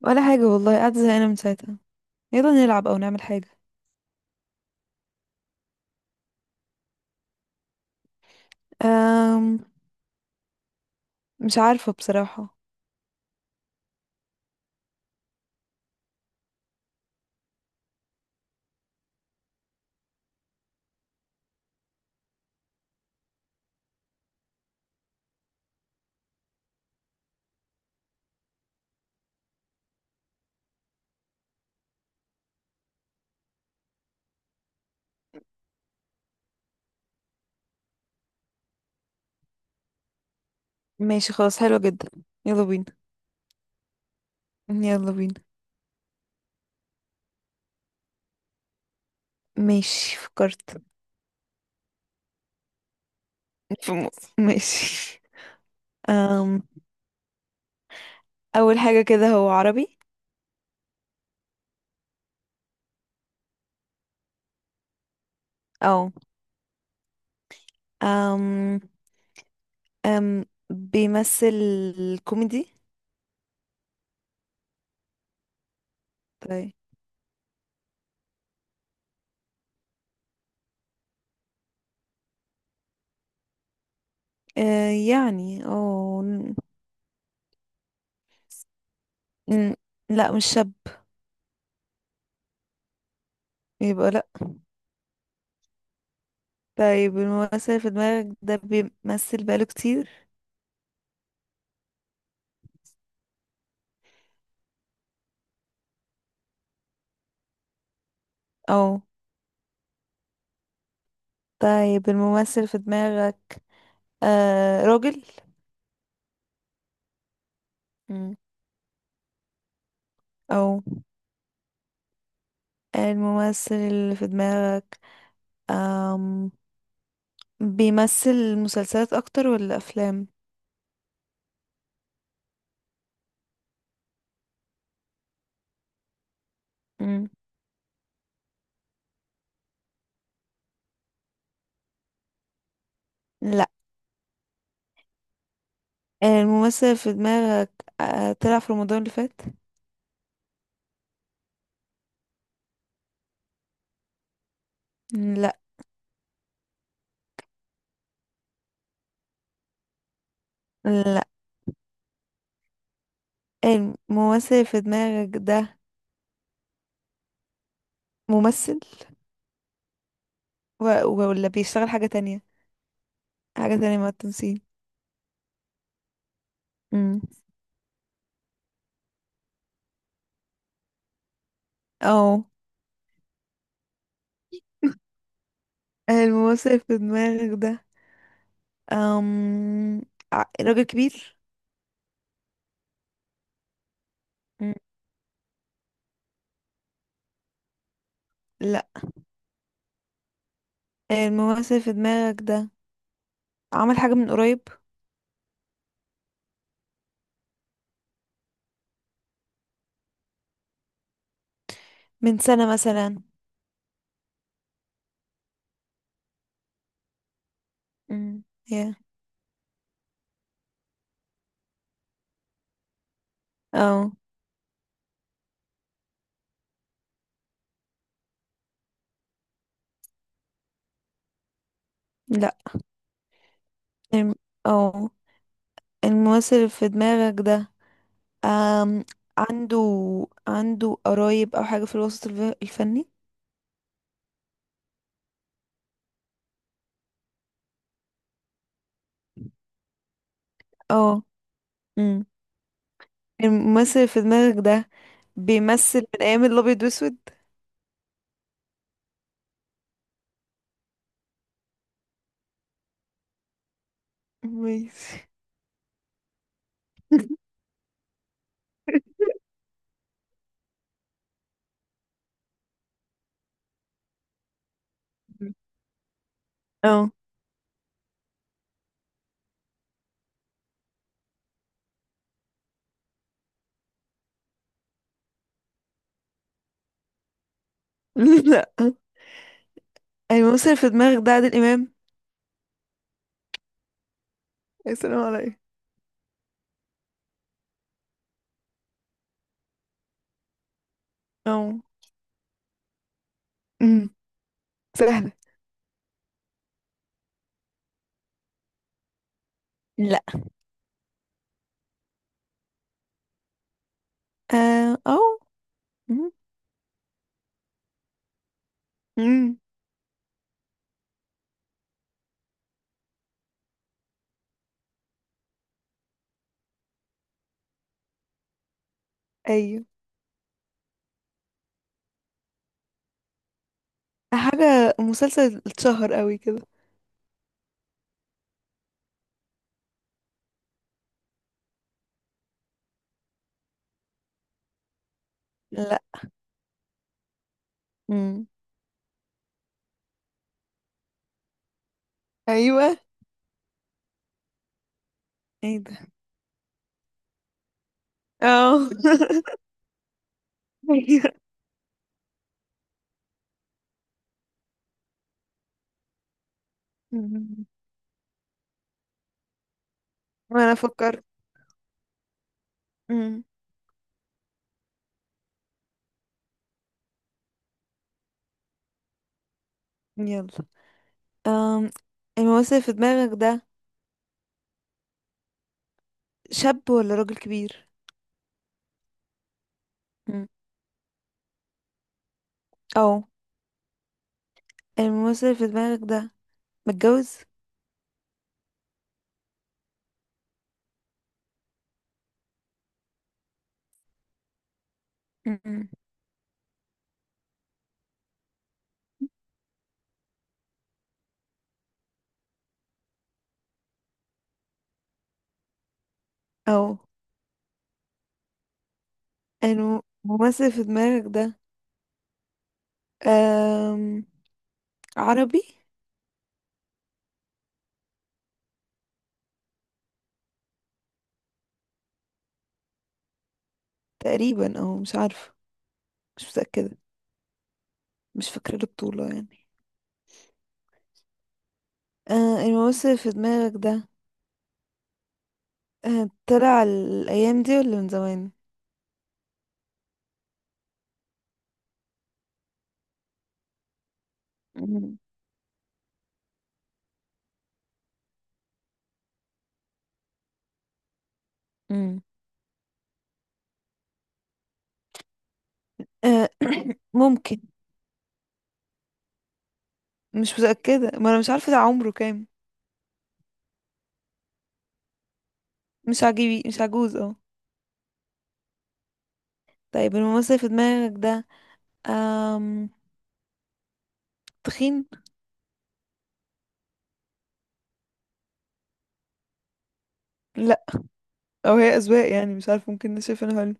ولا حاجة والله، قاعدة زهقانة من ساعتها. يلا نلعب أو نعمل حاجة. أم... مش عارفة بصراحة. ماشي خلاص، حلوة جدا. يلا بينا. يلا بينا. ماشي، فكرت. في م... ماشي. أم... أول حاجة كده، هو عربي. أو. أم... بيمثل كوميدي. طيب. أه يعني، أو. ن- لا، مش شاب. يبقى لا. طيب، الممثل في دماغك ده بيمثل بقاله كتير؟ أو. طيب، الممثل في دماغك راجل. مم. او. الممثل اللي في دماغك، آم بيمثل مسلسلات اكتر ولا افلام؟ مم. لا. الممثل في دماغك طلع في رمضان اللي فات. مم، لا. لا. الممثل في دماغك ده ممثل، ولا بيشتغل حاجة تانية؟ حاجة تانية مع التمثيل. مم. او. الممثل في دماغك ده آم راجل كبير. لا. الممثل في دماغك ده عمل حاجة من قريب. من سنة مثلا. امم يا. او. لا. الم... او الممثل في دماغك ده أم... عنده عنده قرايب او حاجة في الوسط الفني. اه. امم. الممثل في دماغك ده بيمثل من ايام الابيض واسود؟ ماشي. اه. لا. الممثل في دماغك ده عادل امام. السلام عليكم. اه. امم. سهلة. لا. اه، أو. مم. مم. ايوه. حاجة، مسلسل اتشهر قوي كده. لا. مم. ايوه. ايه ده. اه. أيوة. مم. ما انا فكرت. مم. يلا. أم، الممثل اللي في دماغك ده شاب ولا راجل كبير؟ مم. او. الممثل اللي في دماغك ده متجوز؟ مم. او. الممثل اللي في دماغك ده أم عربي. تقريبا، او مش عارفه. مش متأكدة. مش فاكرة البطولة يعني. الممثل اللي في دماغك ده، طلع الأيام دي ولا من زمان؟ مم. مم. آه، ممكن. مش متأكدة، ما أنا مش عارفة ده عمره كام. مش عجيبي، مش عجوز، اه. طيب، الممثل اللي في دماغك ده آم تخين؟ لا. أو، هي أذواق يعني، مش عارفة، ممكن ده شايفينه حلو.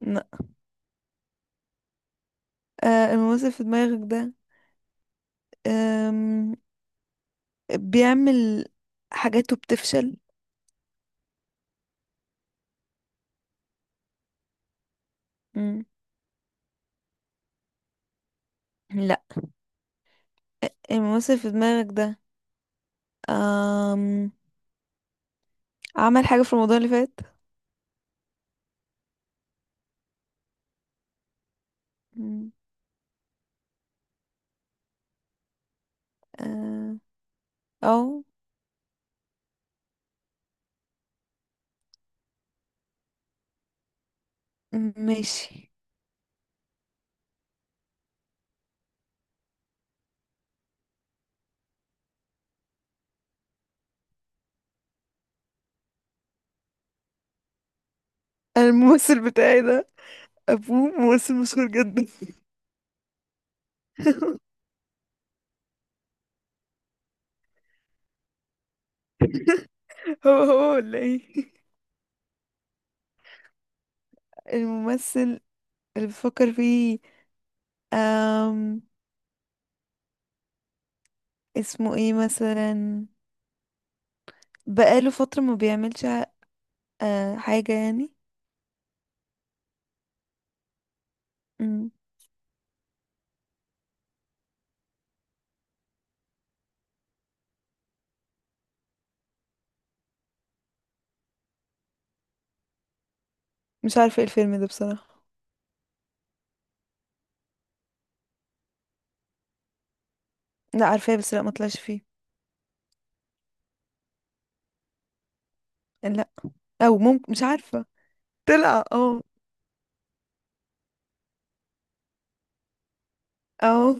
لا. الممثل اللي في دماغك ده، آم بيعمل حاجاته بتفشل؟ مم. لا. الممثل اللي في دماغك ده آم عمل حاجة في رمضان اللي فات. آه، او. ماشي. الممثل بتاعي ده ابوه ممثل مشهور جدا. هو هو ولا ايه؟ الممثل اللي بفكر فيه، أم، اسمه ايه مثلا. بقاله فترة ما بيعملش حاجة يعني. مم. مش عارفة ايه الفيلم ده بصراحة. لا، عارفاه، بس لا ما طلعش فيه. لا. او ممكن، مش عارفة. طلع، اه. اه.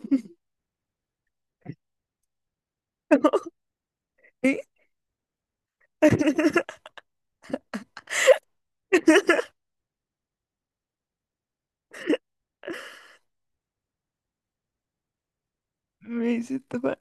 ايه. ماشي، اتفقنا.